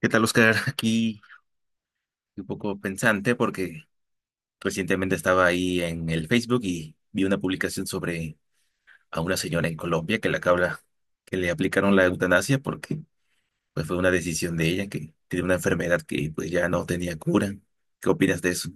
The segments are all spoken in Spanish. ¿Qué tal, Oscar? Aquí un poco pensante porque recientemente estaba ahí en el Facebook y vi una publicación sobre a una señora en Colombia que la cabra que le aplicaron la eutanasia porque pues, fue una decisión de ella que tiene una enfermedad que pues ya no tenía cura. ¿Qué opinas de eso?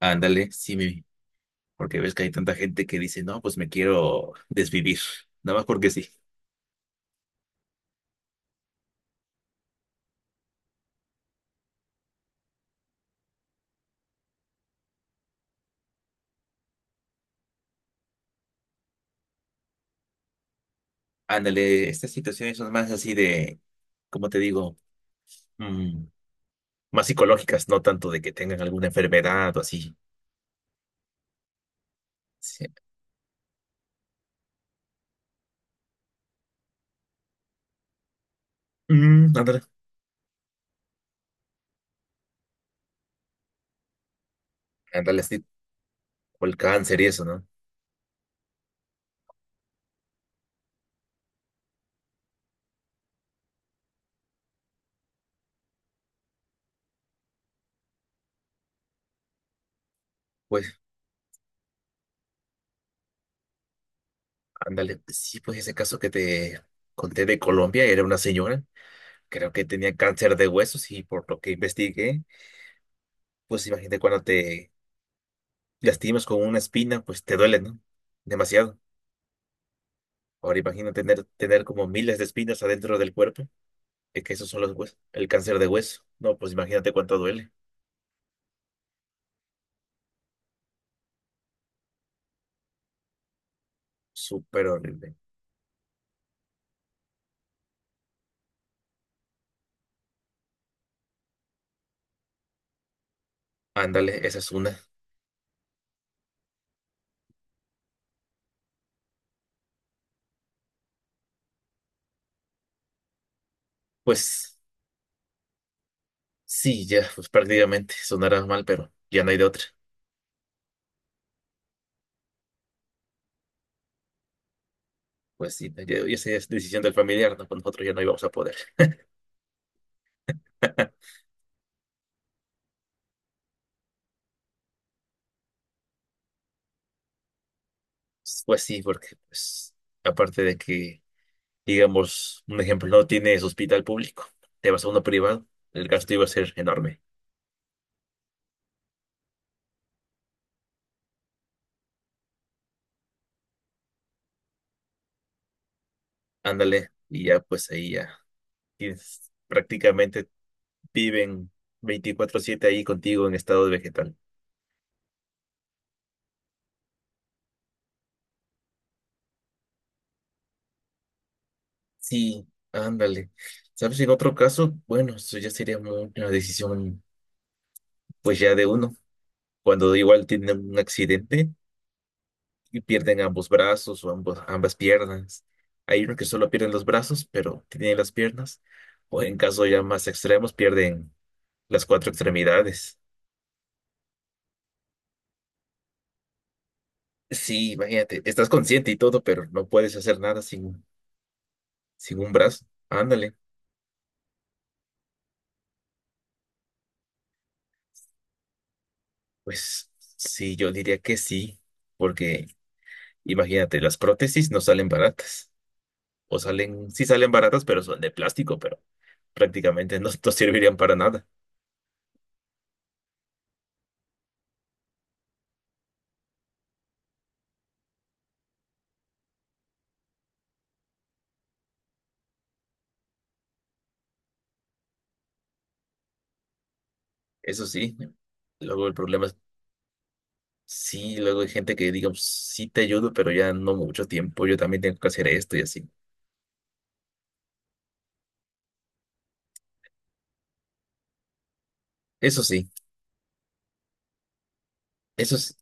Ándale, sí, porque ves que hay tanta gente que dice, no, pues me quiero desvivir, nada más porque sí. Ándale, estas situaciones son más así de, ¿cómo te digo? Más psicológicas, no tanto de que tengan alguna enfermedad o así. Sí. Mm, ándale, ándale, así, o el cáncer y eso, ¿no? Pues, ándale, sí, pues ese caso que te conté de Colombia, era una señora, creo que tenía cáncer de huesos y por lo que investigué, pues imagínate cuando te lastimas con una espina, pues te duele, ¿no? Demasiado. Ahora imagina tener como miles de espinas adentro del cuerpo, es que esos son los huesos, el cáncer de hueso. No, pues imagínate cuánto duele. Súper horrible. Ándale, esa es una. Pues sí, ya, pues prácticamente sonará mal, pero ya no hay de otra. Pues sí, ya esa es decisión del familiar, ¿no? Pues nosotros ya no íbamos a poder. Pues sí, porque pues aparte de que, digamos, un ejemplo, no tienes hospital público, te vas a uno privado, el gasto iba a ser enorme. Ándale, y ya pues ahí ya prácticamente viven 24/7 ahí contigo en estado vegetal. Sí, ándale. ¿Sabes? En otro caso, bueno, eso ya sería una decisión pues ya de uno. Cuando igual tienen un accidente y pierden ambos brazos o ambas piernas. Hay unos que solo pierden los brazos, pero tienen las piernas. O en caso ya más extremos, pierden las cuatro extremidades. Sí, imagínate, estás consciente y todo, pero no puedes hacer nada sin, sin un brazo. Ándale. Pues sí, yo diría que sí, porque imagínate, las prótesis no salen baratas. O salen, sí salen baratas, pero son de plástico, pero prácticamente no, no servirían para nada. Eso sí, luego el problema es, sí, luego hay gente que diga: "Pues, sí te ayudo, pero ya no mucho tiempo, yo también tengo que hacer esto y así". Eso sí, eso sí,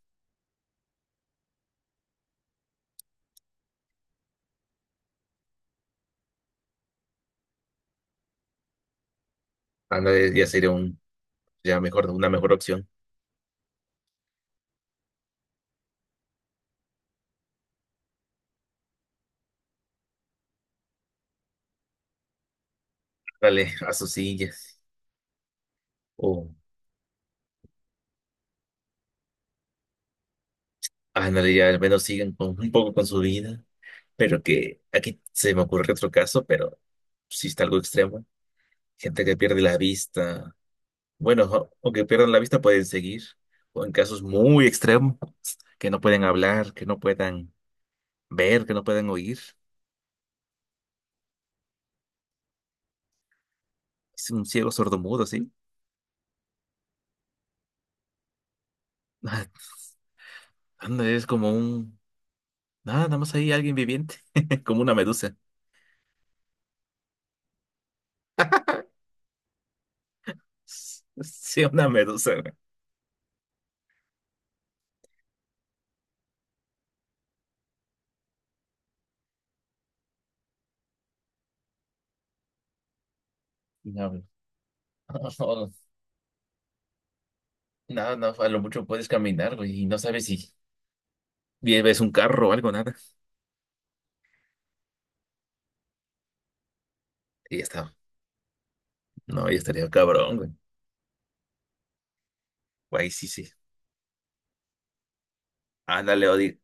ándale, ya sería un, ya mejor, una mejor opción. Dale a sus sillas, o ándale, ya al menos siguen con, un poco con su vida, pero que aquí se me ocurre otro caso, pero sí está algo extremo. Gente que pierde la vista, bueno, aunque pierdan la vista pueden seguir, o en casos muy extremos, que no pueden hablar, que no puedan ver, que no pueden oír. Es un ciego sordomudo, ¿sí? Ah, anda, es como un... Nada, nada más ahí alguien viviente, como una medusa. Sí, una medusa, güey. No, no, no, no, a lo mucho puedes caminar, güey, y no sabes si ves un carro o algo, nada. Y ya está. No, ya estaría cabrón, güey. Güey, sí, sí. Ándale,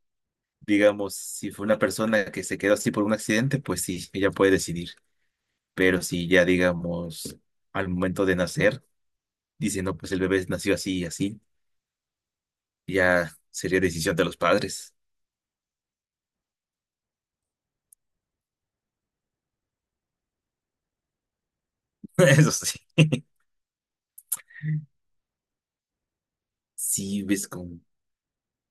digamos, si fue una persona que se quedó así por un accidente, pues sí, ella puede decidir. Pero si ya, digamos, al momento de nacer, dicen, no, pues el bebé nació así y así. Ya sería decisión de los padres. Eso sí. Sí, ves con...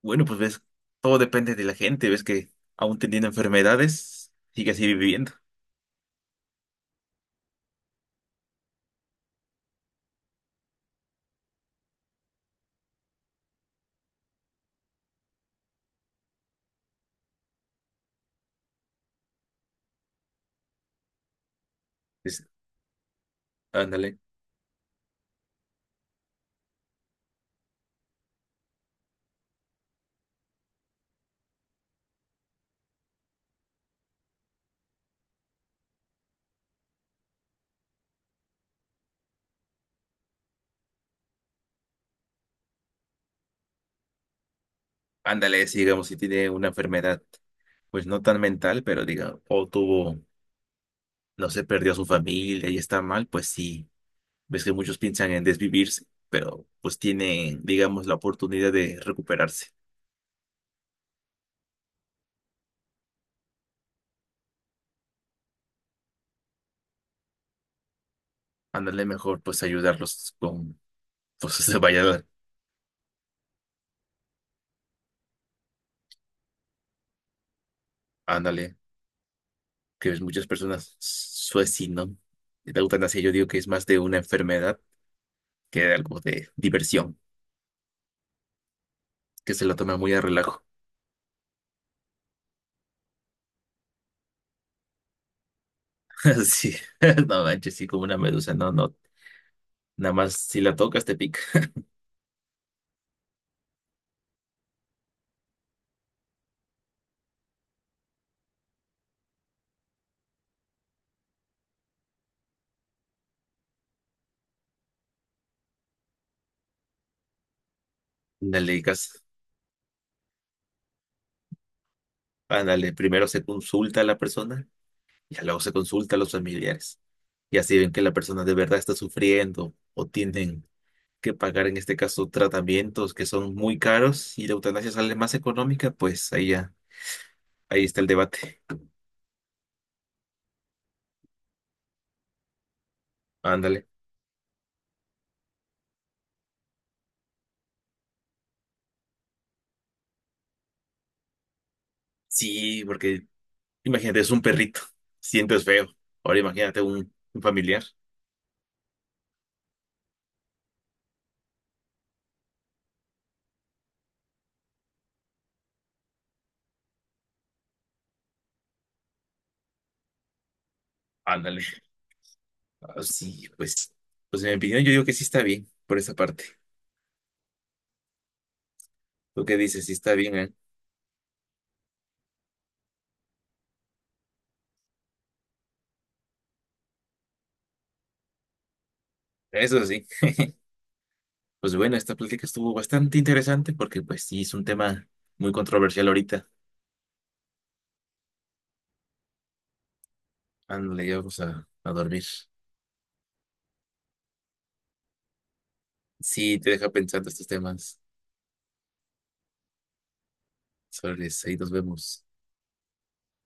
Bueno, pues ves, todo depende de la gente. Ves que aún teniendo enfermedades, sigue así viviendo. Pues, ándale, ándale, si digamos, si tiene una enfermedad, pues no tan mental, pero diga, o tuvo, no sé, perdió a su familia y está mal, pues sí. Ves que muchos piensan en desvivirse, pero pues tienen, digamos, la oportunidad de recuperarse. Ándale, mejor pues ayudarlos con, pues se vaya, ándale. Que ves muchas personas suicidan de la eutanasia, yo digo que es más de una enfermedad que de algo de diversión, que se la toma muy a relajo. Así, no manches, sí, como una medusa, no, no. Nada más si la tocas te pica. Ándale, digas, ándale, primero se consulta a la persona y luego se consulta a los familiares. Y así ven que la persona de verdad está sufriendo o tienen que pagar en este caso tratamientos que son muy caros y la eutanasia sale más económica, pues ahí ya, ahí está el debate. Ándale. Sí, porque imagínate, es un perrito. Sientes feo. Ahora imagínate un familiar. Ándale. Ah, sí, pues, pues en mi opinión yo digo que sí está bien por esa parte. ¿Tú qué dices? Sí está bien, ¿eh? Eso sí. Pues bueno, esta plática estuvo bastante interesante porque pues sí, es un tema muy controversial ahorita. Ándale, ya vamos a dormir. Sí, te deja pensando estos temas. Sobre ahí nos vemos.